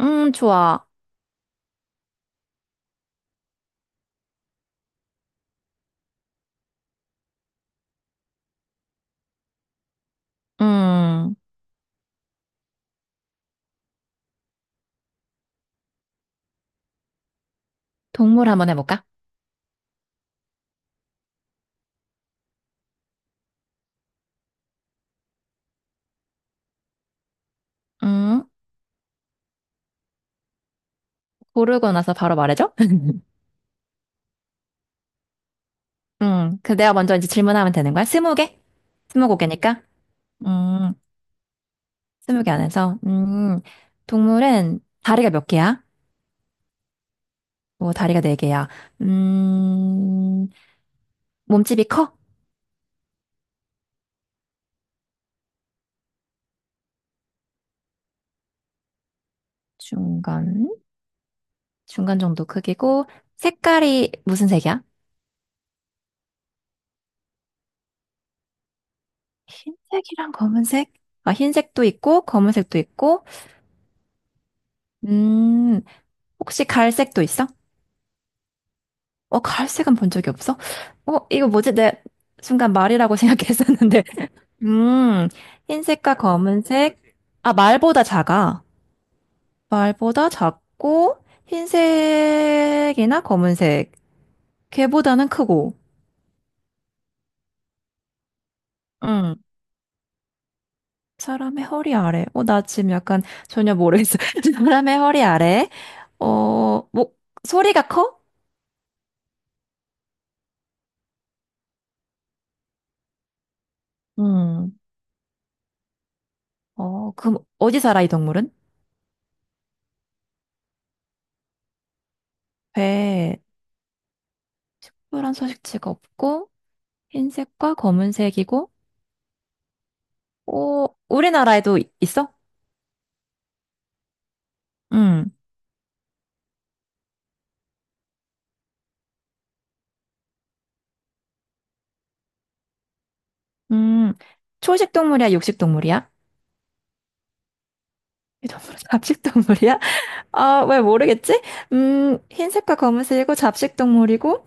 좋아. 음, 동물 한번 해볼까? 음, 고르고 나서 바로 말해줘? 그 내가 먼저 이제 질문하면 되는 거야? 20개? 스무 고개니까? 음, 20개 안에서. 동물은 다리가 몇 개야? 뭐, 다리가 4개야. 음, 몸집이 커? 중간? 중간 정도 크기고, 색깔이 무슨 색이야? 흰색이랑 검은색? 아, 흰색도 있고, 검은색도 있고, 음, 혹시 갈색도 있어? 어, 갈색은 본 적이 없어? 어, 이거 뭐지? 내 순간 말이라고 생각했었는데. 음, 흰색과 검은색. 아, 말보다 작아. 말보다 작고, 흰색이나 검은색. 걔보다는 크고. 음. 사람의 허리 아래. 어, 나 지금 약간 전혀 모르겠어. 사람의 허리 아래. 어, 목, 소리가 커? 음. 어, 그럼 어디 살아, 이 동물은? 배에 특별한 서식지가 없고, 흰색과 검은색이고, 오, 우리나라에도 이- 있어? 음, 음, 초식 동물이야, 육식 동물이야? 이 동물은 잡식 동물이야? 아, 왜 모르겠지? 흰색과 검은색이고, 잡식 동물이고,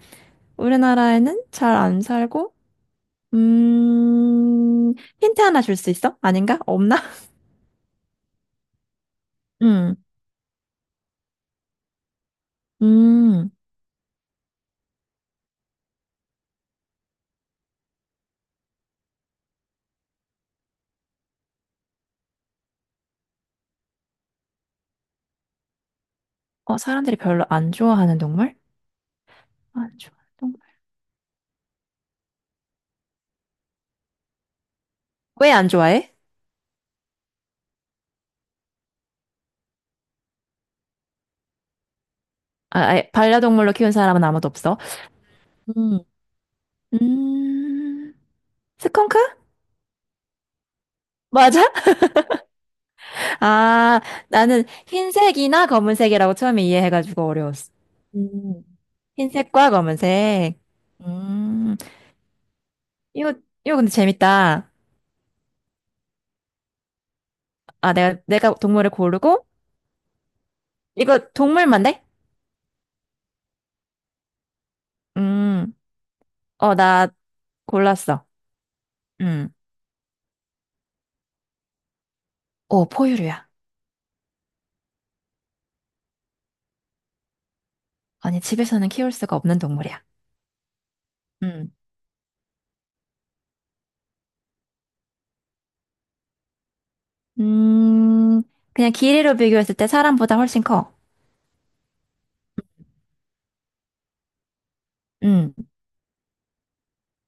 우리나라에는 잘 안 살고, 음, 힌트 하나 줄 수 있어? 아닌가? 없나? 음, 음, 어, 사람들이 별로 안 좋아하는 동물? 안 좋아하는 동물. 왜 안 좋아해? 아, 아예 반려동물로 키운 사람은 아무도 없어. 음, 음. 스컹크? 맞아? 아, 나는 흰색이나 검은색이라고 처음에 이해해가지고 어려웠어. 음. 흰색과 검은색. 음, 이거, 이거 근데 재밌다. 아, 내가 동물을 고르고, 이거 동물만 돼? 음, 어, 나 골랐어. 음, 어, 포유류야. 아니, 집에서는 키울 수가 없는 동물이야. 음, 음, 그냥 길이로 비교했을 때 사람보다 훨씬 커. 음,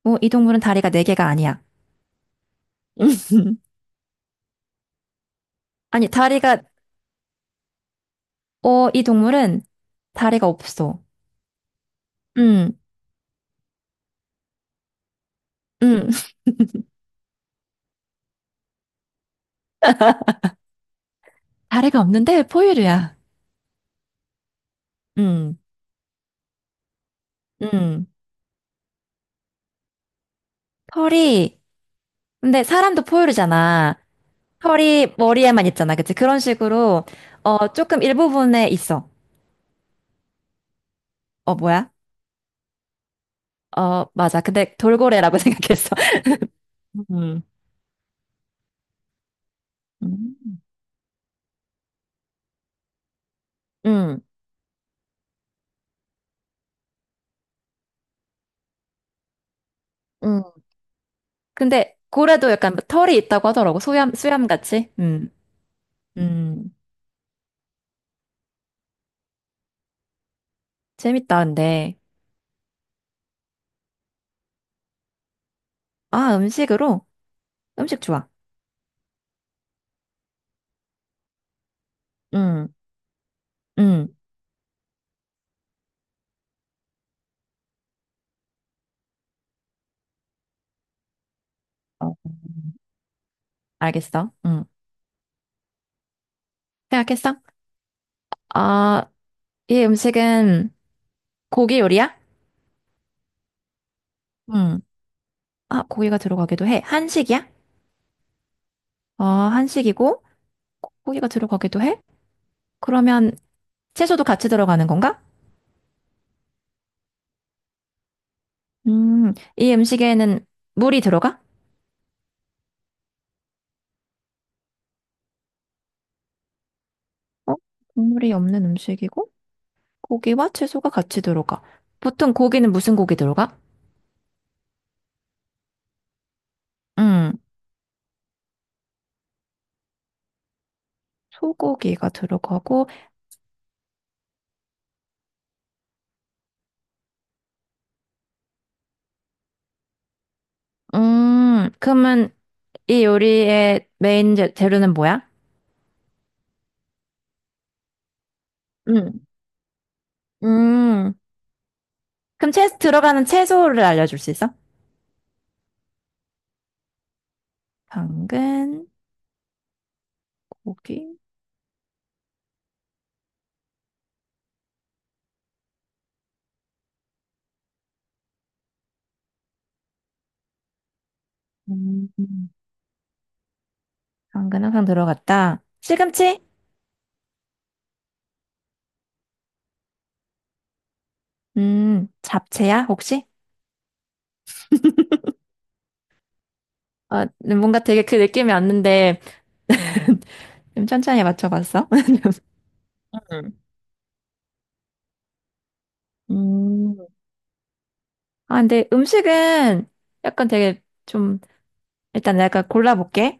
어, 이 동물은 다리가 4개가 아니야. 아니, 다리가 이 동물은 다리가 없어. 음, 음. 다리가 없는데 포유류야. 음, 음. 털이, 근데 사람도 포유류잖아. 털이 머리에만 있잖아. 그치? 그런 식으로, 어, 조금 일부분에 있어. 어, 뭐야? 어, 맞아. 근데 돌고래라고 생각했어. 음, 음, 음. 음. 근데 고래도 약간 털이 있다고 하더라고. 수염, 수염 같이. 음. 재밌다, 근데. 아, 음식으로? 음식 좋아. 음, 음. 어, 알겠어. 응. 생각했어? 아, 이 음식은 고기 요리야? 응. 아, 고기가 들어가기도 해. 한식이야? 어, 한식이고, 고- 고기가 들어가기도 해? 그러면 채소도 같이 들어가는 건가? 이 음식에는 물이 들어가? 어? 국물이 없는 음식이고, 고기와 채소가 같이 들어가. 보통 고기는 무슨 고기 들어가? 음, 소고기가 들어가고, 그러면 이 요리의 메인 재료는 뭐야? 응. 음, 그럼 들어가는 채소를 알려줄 수 있어? 당근, 고기, 음, 당근 항상 들어갔다. 시금치? 잡채야, 혹시? 어, 뭔가 되게 그 느낌이 왔는데, 좀 천천히 맞춰봤어? 음. 음. 아, 근데 음식은 약간 되게 좀, 일단 내가 골라볼게.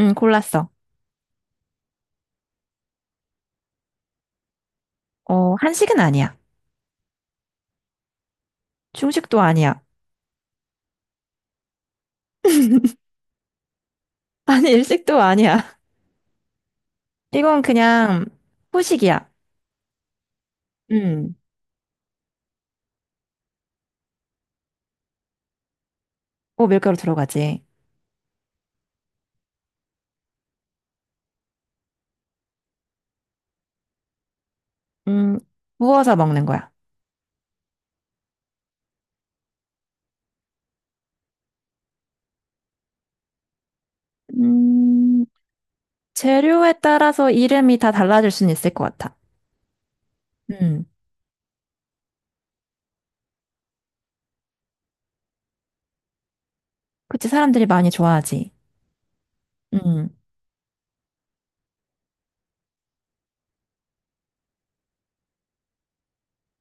응, 골랐어. 어, 한식은 아니야. 중식도 아니야. 아니, 일식도 아니야. 이건 그냥 후식이야. 음. 오, 밀가루 들어가지. 음, 구워서 먹는 거야. 음, 재료에 따라서 이름이 다 달라질 수는 있을 것 같아. 음, 그치, 사람들이 많이 좋아하지. 음,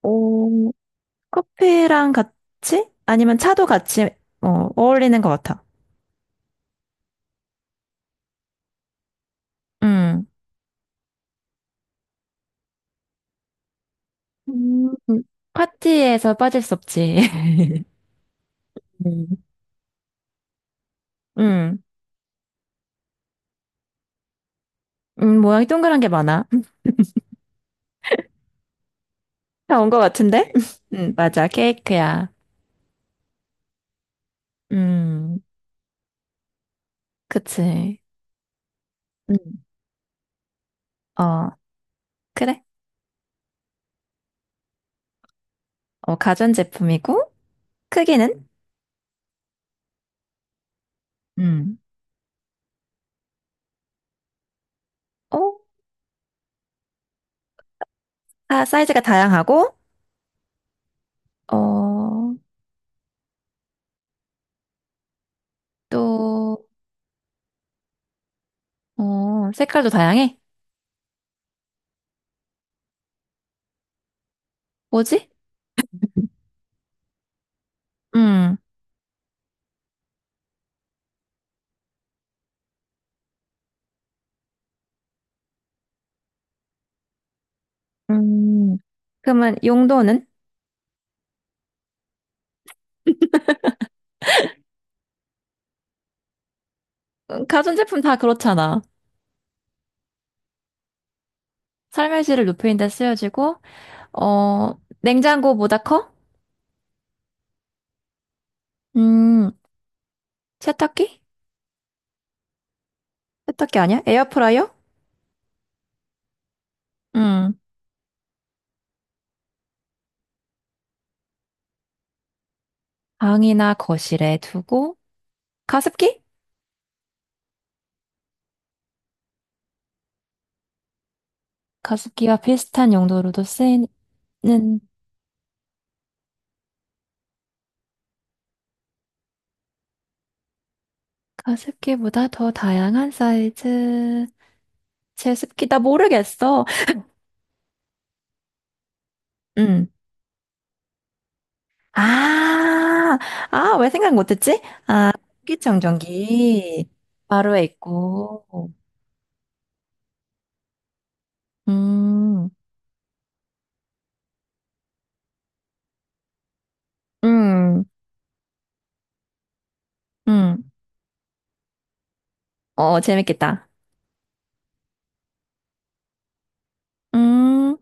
오, 커피랑 같이? 아니면 차도 같이, 어, 어울리는 것 같아. 음, 음, 파티에서 빠질 수 없지. 음, 음, 모양이 동그란 게 많아. 다 온 것 같은데? 맞아, 케이크야. 음, 그치. 음, 어, 그래. 어, 가전제품이고, 크기는? 음. 어? 아, 사이즈가 다양하고, 어, 또, 어, 색깔도 다양해? 뭐지? 음, 음. 그러면 용도는? 가전제품 다 그렇잖아. 삶의 질을 높이는 데 쓰여지고, 어, 냉장고보다 커? 음, 세탁기? 세탁기 아니야? 에어프라이어? 음, 방이나 거실에 두고, 가습기? 가습기와 비슷한 용도로도 쓰이는 가습기보다 더 다양한 사이즈. 제습기 나 모르겠어. 음. 아, 아, 왜 생각 못했지? 식기청정기 바로에 있고. 음, 음, 음. 어, 재밌겠다. 음.